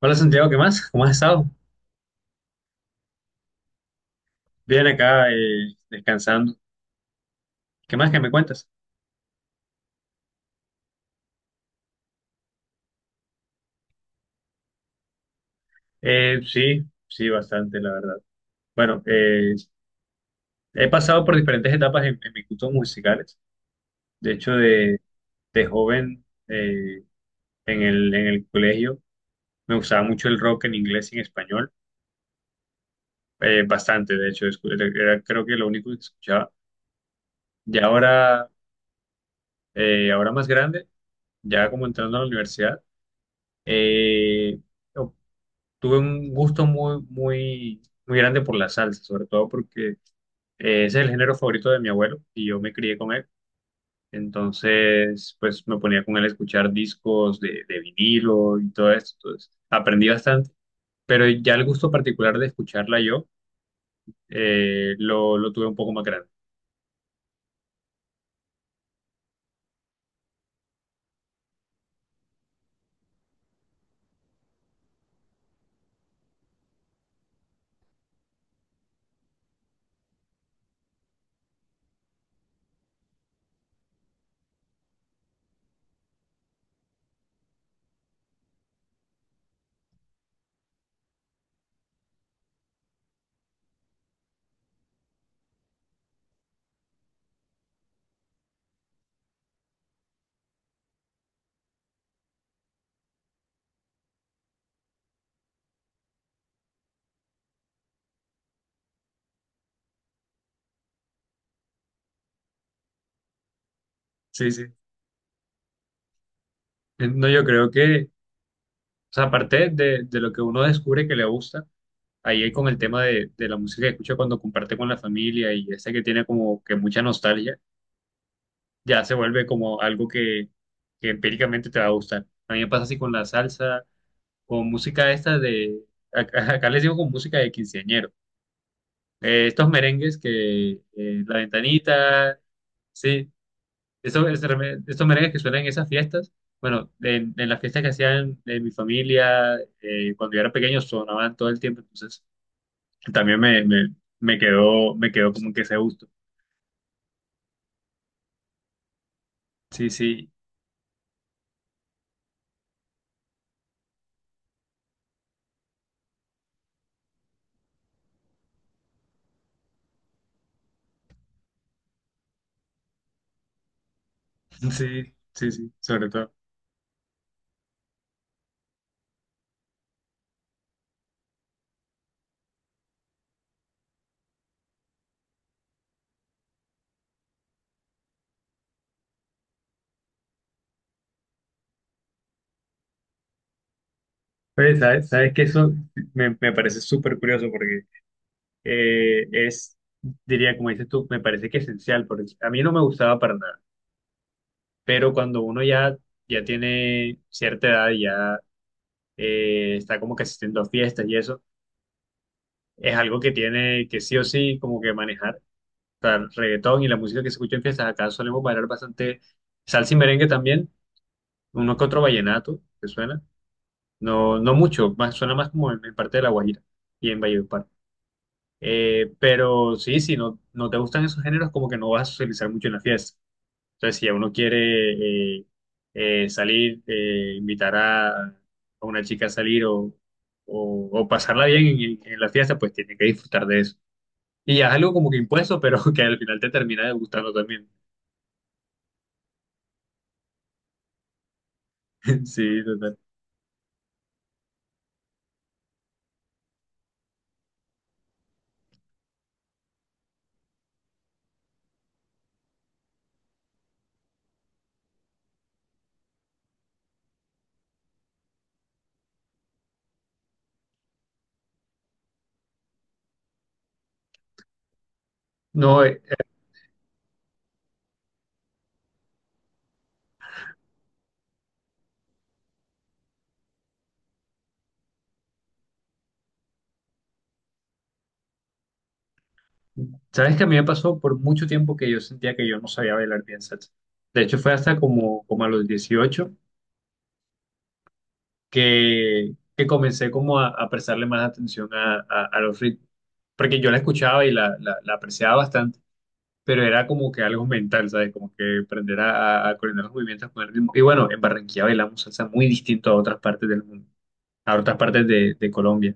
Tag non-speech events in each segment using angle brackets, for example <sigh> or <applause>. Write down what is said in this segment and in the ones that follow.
Hola Santiago, ¿qué más? ¿Cómo has estado? Bien acá, descansando. ¿Qué más que me cuentas? Sí, sí, bastante, la verdad. Bueno, he pasado por diferentes etapas en mis gustos musicales. De hecho, de joven, en el colegio, me gustaba mucho el rock en inglés y en español. Bastante, de hecho, era creo que lo único que escuchaba. Y ahora, ahora más grande, ya como entrando a la universidad, eh, tuve un gusto muy, muy, muy grande por la salsa, sobre todo porque ese es el género favorito de mi abuelo y yo me crié con él. Entonces, pues me ponía con él a escuchar discos de vinilo y todo esto. Entonces, aprendí bastante, pero ya el gusto particular de escucharla yo lo tuve un poco más grande. Sí, sí. No, yo creo que, o sea, aparte de lo que uno descubre que le gusta, ahí hay con el tema de la música que escucha cuando comparte con la familia y esa que tiene como que mucha nostalgia ya se vuelve como algo que empíricamente te va a gustar. A mí me pasa así con la salsa, con música esta acá, <laughs> acá les digo con música de quinceañero. Estos merengues la ventanita, sí, estos, estos merengues que suenan en esas fiestas, bueno, en las fiestas que hacían en mi familia, cuando yo era pequeño, sonaban todo el tiempo, entonces también me quedó como que ese gusto. Sí, sí, <laughs> sí, sí, sí, sobre todo. Oye, sabes que eso me parece súper curioso porque eh, es, diría, como dices tú, me parece que esencial, porque a mí no me gustaba para nada, pero cuando uno ya tiene cierta edad, y ya está como que asistiendo a fiestas y eso, es algo que tiene que sí o sí como que manejar? O sea, el reggaetón y la música que se escucha en fiestas, acá solemos bailar bastante salsa y merengue también, uno que otro vallenato que suena, no, no mucho, más, suena más como en parte de La Guajira y en Valledupar. Pero sí, si no te gustan esos géneros, como que no vas a socializar mucho en la fiesta. Entonces, si uno quiere salir, invitar a una chica a salir o pasarla bien en la fiesta, pues tiene que disfrutar de eso. Y ya es algo como que impuesto, pero <laughs> que al final te termina gustando también. <laughs> Sí, total. No, sabes que a mí me pasó por mucho tiempo que yo sentía que yo no sabía bailar bien salsa. De hecho, fue hasta como a los 18 que, comencé como a prestarle más atención a los ritmos, porque yo la escuchaba y la apreciaba bastante, pero era como que algo mental, ¿sabes? Como que aprender a coordinar los movimientos con el ritmo. Y bueno, en Barranquilla bailamos salsa muy distinto a otras partes del mundo, a otras partes de Colombia.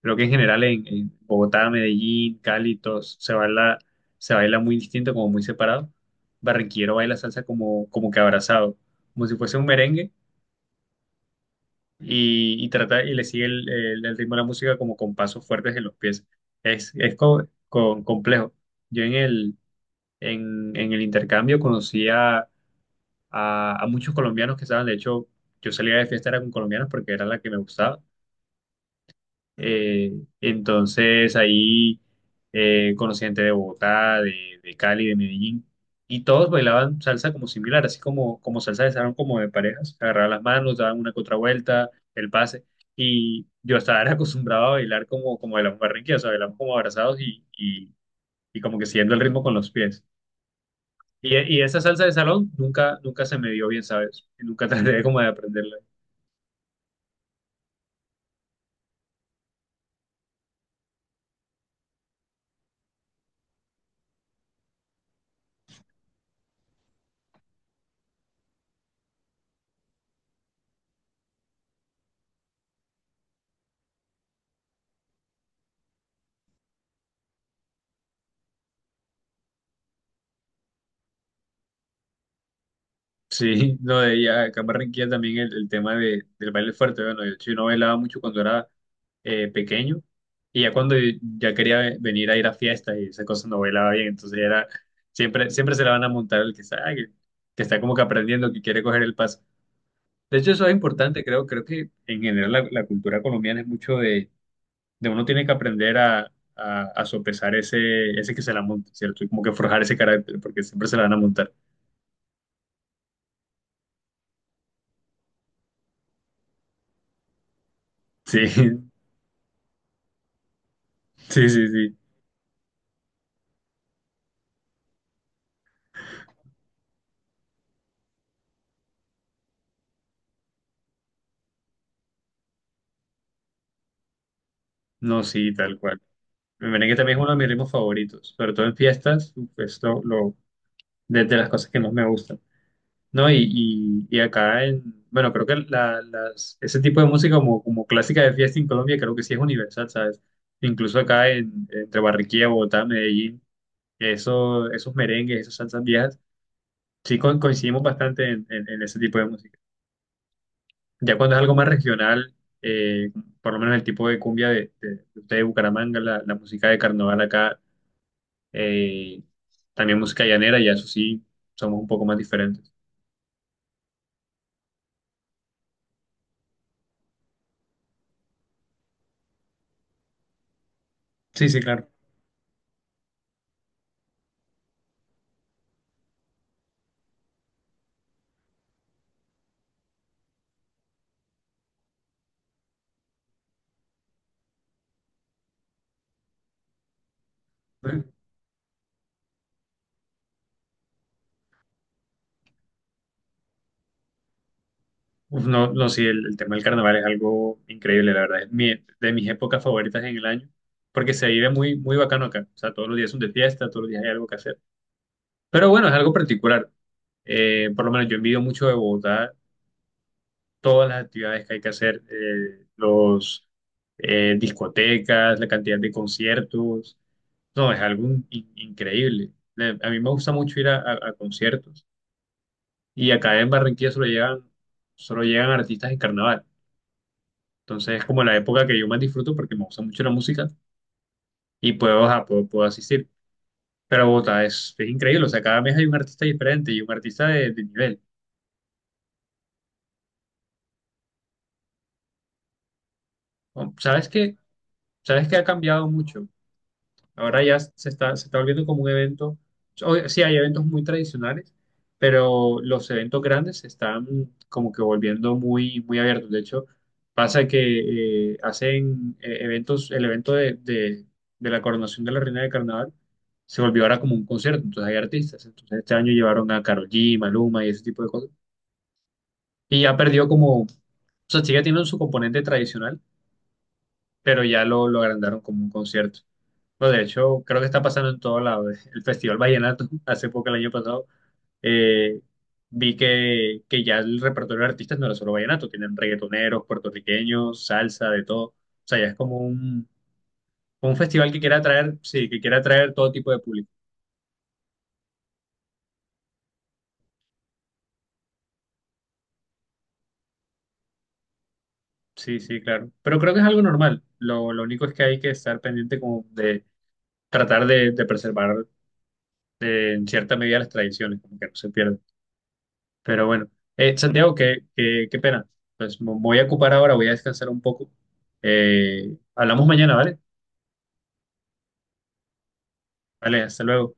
Creo que en general en Bogotá, Medellín, Cali, todos, se baila muy distinto, como muy separado. Barranquillero baila salsa como, como que abrazado, como si fuese un merengue, y, trata y le sigue el ritmo de la música como con pasos fuertes en los pies. Es complejo. Yo en el intercambio conocí a muchos colombianos que estaban, de hecho, yo salía de fiesta era con colombianos porque era la que me gustaba, eh, entonces ahí conocí gente de Bogotá, de Cali, de Medellín, y todos bailaban salsa como similar, así como, como salsa de salón, como de parejas. Agarraban las manos, daban una contra vuelta, el pase, y yo estaba era acostumbrado a bailar como, como bailamos barranquilla, o sea, bailamos como abrazados y como que siguiendo el ritmo con los pies. Y esa salsa de salón nunca, nunca se me dio bien, ¿sabes? Nunca <laughs> traté como de aprenderla. Sí, <laughs> no, de ella, acá en Barranquilla también el tema del baile fuerte. Bueno, yo, sí no bailaba mucho cuando era pequeño y ya cuando ya quería venir a ir a fiestas y esas cosas no bailaba bien, entonces era, siempre se la van a montar el que está, ah, que está como que aprendiendo, que quiere coger el paso. De hecho, eso es importante, creo que en general la cultura colombiana es mucho de uno tiene que aprender a sopesar ese que se la monta, ¿cierto? Y como que forjar ese carácter, porque siempre se la van a montar. Sí, <laughs> sí, sí, sí. No, sí, tal cual. El merengue también es uno de mis ritmos favoritos, sobre todo en fiestas, esto lo, de las cosas que más me gustan, ¿no? Y acá bueno, creo que las, ese tipo de música como, como clásica de fiesta en Colombia creo que sí es universal, ¿sabes? Incluso acá entre Barranquilla, Bogotá, Medellín, eso, esos merengues, esas salsas viejas, sí coincidimos bastante en ese tipo de música. Ya cuando es algo más regional, eh, por lo menos el tipo de cumbia de ustedes de Bucaramanga, la música de carnaval acá, eh, también música llanera, y eso sí, somos un poco más diferentes. Sí, sí, claro. Uf, no, no, sí, el tema del carnaval es algo increíble, la verdad, es de mis épocas favoritas en el año, porque se vive muy, muy bacano acá, o sea, todos los días son de fiesta, todos los días hay algo que hacer. Pero bueno, es algo particular. Por lo menos yo envidio mucho de Bogotá todas las actividades que hay que hacer, los discotecas, la cantidad de conciertos. No, es algo increíble. A mí me gusta mucho ir a conciertos y acá en Barranquilla solo llegan artistas en carnaval. Entonces es como la época que yo más disfruto porque me gusta mucho la música y puedo, ajá, puedo asistir. Pero Bogotá es increíble, o sea, cada mes hay un artista diferente y un artista de nivel. ¿Sabes qué? ¿Sabes qué ha cambiado mucho? Ahora ya se está volviendo como un evento. Sí, hay eventos muy tradicionales, pero los eventos grandes se están como que volviendo muy, muy abiertos. De hecho, pasa que hacen eventos, el evento de la coronación de la Reina de Carnaval se volvió ahora como un concierto. Entonces hay artistas. Entonces este año llevaron a Karol G, Maluma y ese tipo de cosas. Y ya perdió como, o sea, sigue teniendo su componente tradicional, pero ya lo agrandaron como un concierto. No, de hecho, creo que está pasando en todo lado. El Festival Vallenato, <laughs> hace poco, el año pasado, eh, vi que, ya el repertorio de artistas no era solo vallenato, tienen reggaetoneros, puertorriqueños, salsa, de todo. O sea, ya es como un festival que quiere atraer, sí, que quiere atraer todo tipo de público. Sí, sí, claro. Pero creo que es algo normal. Lo único es que hay que estar pendiente como de tratar de preservar, en cierta medida, las tradiciones, como que no se pierdan. Pero bueno. Santiago, qué, qué pena. Pues me voy a ocupar ahora, voy a descansar un poco. Hablamos mañana, ¿vale? Vale, hasta luego.